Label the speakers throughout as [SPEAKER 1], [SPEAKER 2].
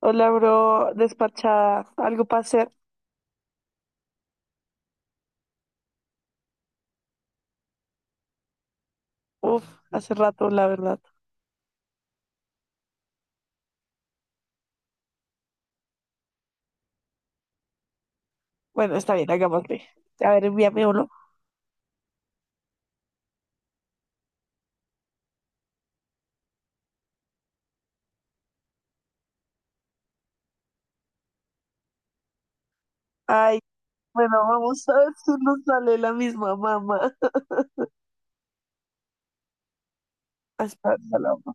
[SPEAKER 1] Hola, bro, despachada. ¿Algo para hacer? Uf, hace rato, la verdad. Bueno, está bien, hagámosle. A ver, envíame uno. Ay, bueno, vamos a ver si nos sale la misma mamá. Mamá.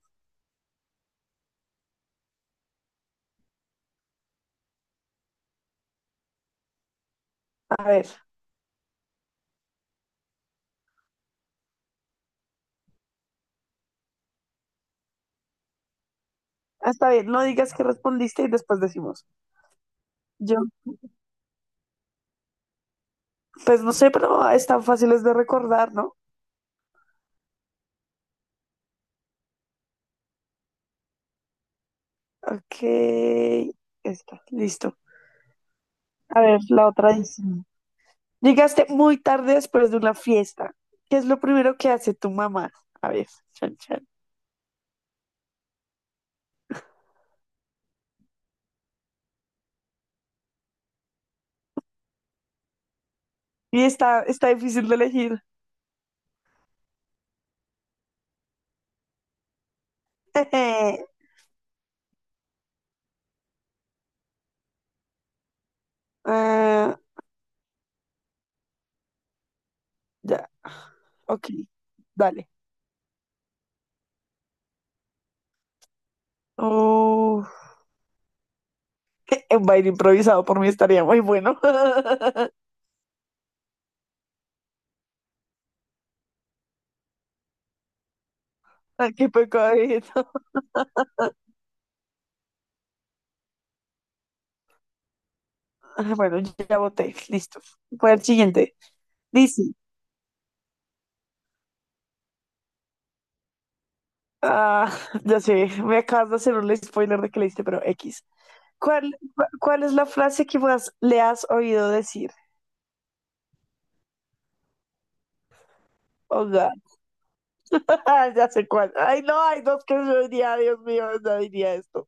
[SPEAKER 1] A ver, ah, está bien, no digas que respondiste y después decimos. Yo, pues no sé, pero están fáciles de recordar, ¿no? Ok, está, listo. A ver, la otra dice. Llegaste muy tarde después de una fiesta. ¿Qué es lo primero que hace tu mamá? A ver, chan, chan. Y está difícil de elegir. Ah, ya, ok, dale. Oh, un baile improvisado por mí estaría muy bueno. Ay, qué pecado. Bueno, ya voté, listo. Voy al siguiente. Dice, ah, ya sé, me acabas de hacer un spoiler de que leíste, pero X. ¿Cuál es la frase que más le has oído decir? Oh, God. Ah, ya sé cuál. Ay, no, hay dos que yo diría, Dios mío, no diría esto.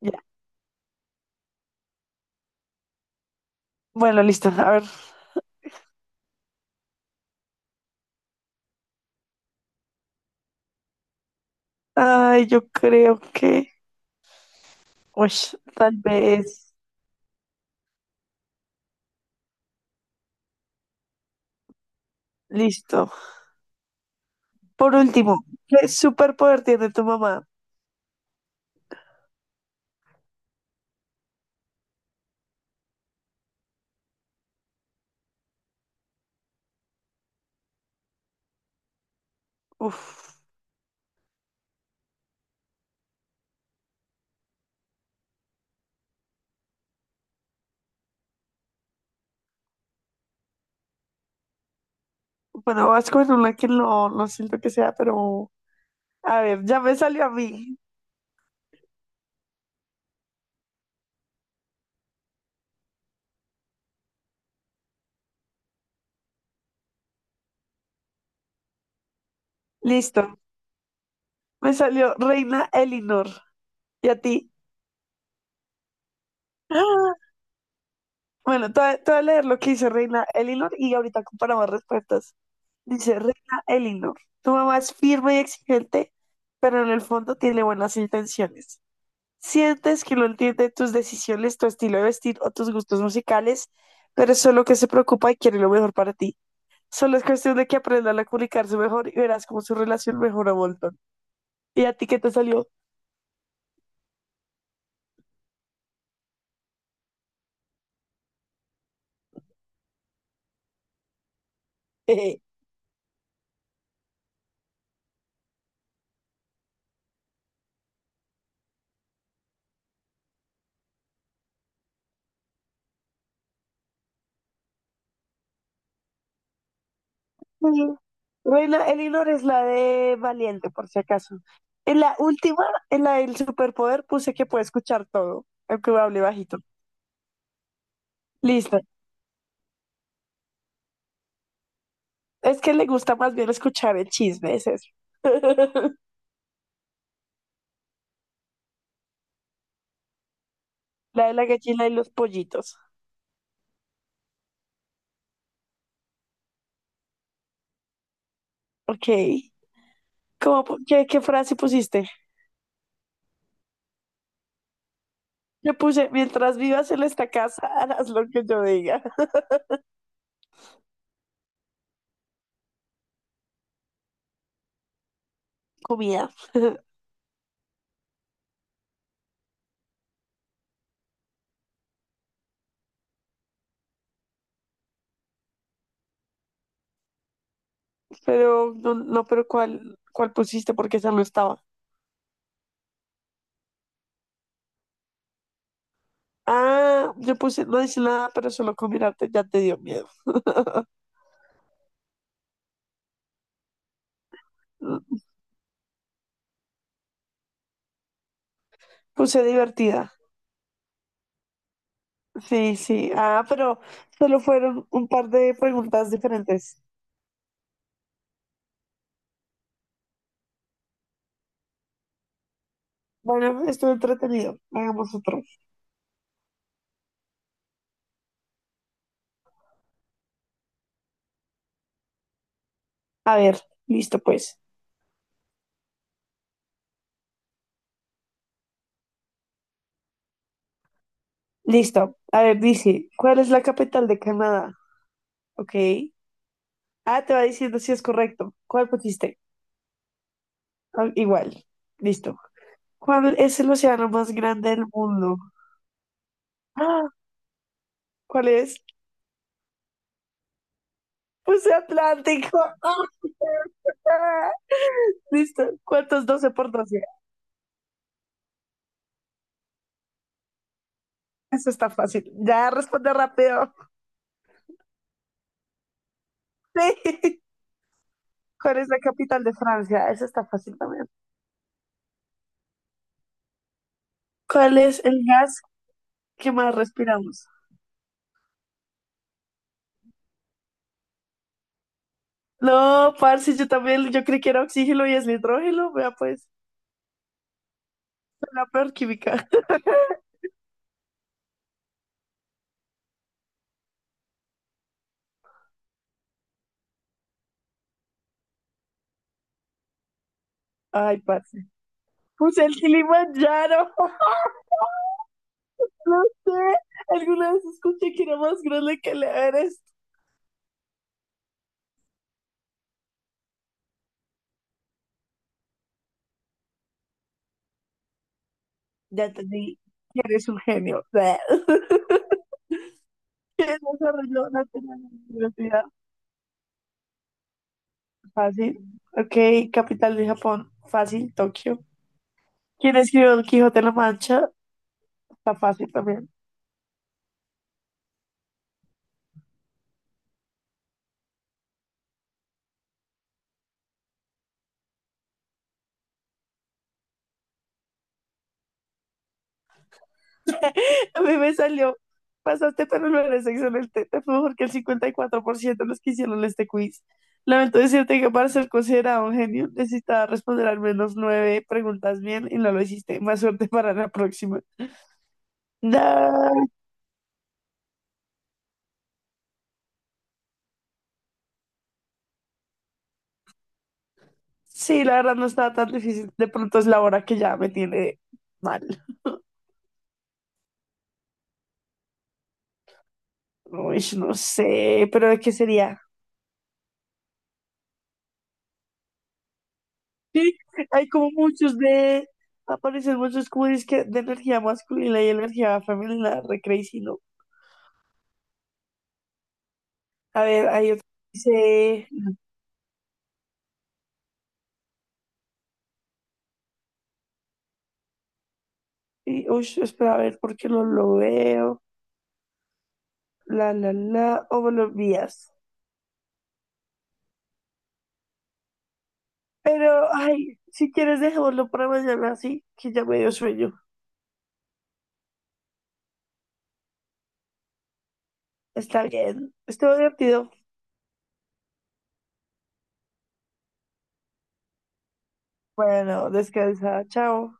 [SPEAKER 1] Ya. Bueno, listo. A ver, ay, yo creo que, tal vez, listo. Por último, ¿qué superpoder tiene tu mamá? Uf, bueno, vas con una que no siento que sea, pero a ver, ya me salió a mí. Listo, me salió Reina Elinor. ¿Y a ti? ¡Ah! Bueno, te voy a leer lo que dice Reina Elinor y ahorita comparamos respuestas. Dice Reina Elinor, tu mamá es firme y exigente, pero en el fondo tiene buenas intenciones. Sientes que no entiende tus decisiones, tu estilo de vestir o tus gustos musicales, pero es solo que se preocupa y quiere lo mejor para ti. Solo es cuestión de que aprendan a comunicarse mejor y verás cómo su relación mejora un montón. ¿Y a ti qué te salió? Jeje. Sí. Reina Elinor es la de Valiente, por si acaso. En la última, en la del superpoder, puse que puede escuchar todo, aunque me hable bajito. Listo. Es que le gusta más bien escuchar el chisme, es eso. La de la gallina y los pollitos. Ok. ¿Qué frase pusiste? Yo puse, mientras vivas en esta casa, harás lo que yo diga. Comida. No, no, pero ¿cuál pusiste? Porque esa no estaba. Ah, yo puse, no dice nada, pero solo con mirarte ya te dio miedo. Puse divertida. Sí, sí. Ah, pero solo fueron un par de preguntas diferentes. Bueno, estuvo entretenido. Hagamos otro. A ver, listo pues. Listo. A ver, dice, ¿cuál es la capital de Canadá? Ok. Ah, te va diciendo si es correcto. ¿Cuál pusiste? Ah, igual. Listo. ¿Cuál es el océano más grande del mundo? Ah, ¿cuál es? Puse Atlántico. Ah, listo. ¿Cuántos 12 por 12? Eso está fácil. Ya responde rápido. Sí. ¿Cuál es la capital de Francia? Eso está fácil también. ¿Cuál es el gas que más respiramos? No, parce, yo también, yo creí que era oxígeno y es nitrógeno. Vea, pues, soy la peor química. Ay, parce. Pues el Kilimanjaro. No sé. Alguna vez escuché que era más grande que el Everest. Ya te di. Eres un genio. ¿Qué desarrolló la tecnología? Fácil. Ok, capital de Japón. Fácil. Tokio. ¿Quién escribió Don Quijote de la Mancha? Está fácil también. A mí me salió, pasaste pero no eres excelente, te fue mejor que el 54% de los que hicieron este quiz. Lamento decirte que para ser considerado un genio necesitaba responder al menos nueve preguntas bien y no lo hiciste. Más suerte para la próxima. Da- Sí, la verdad no estaba tan difícil. De pronto es la hora que ya me tiene mal. Uy, no sé, pero ¿de qué sería? Sí, hay como muchos de... Aparecen muchos quiz que de energía masculina y energía femenina, re crazy, ¿no? A ver, hay otro que dice, uy, espera, a ver, ¿por qué no lo veo? La, o buenos días. Pero, ay, si quieres, dejémoslo para mañana, sí, que ya me dio sueño. Está bien, estuvo divertido. Bueno, descansa, chao.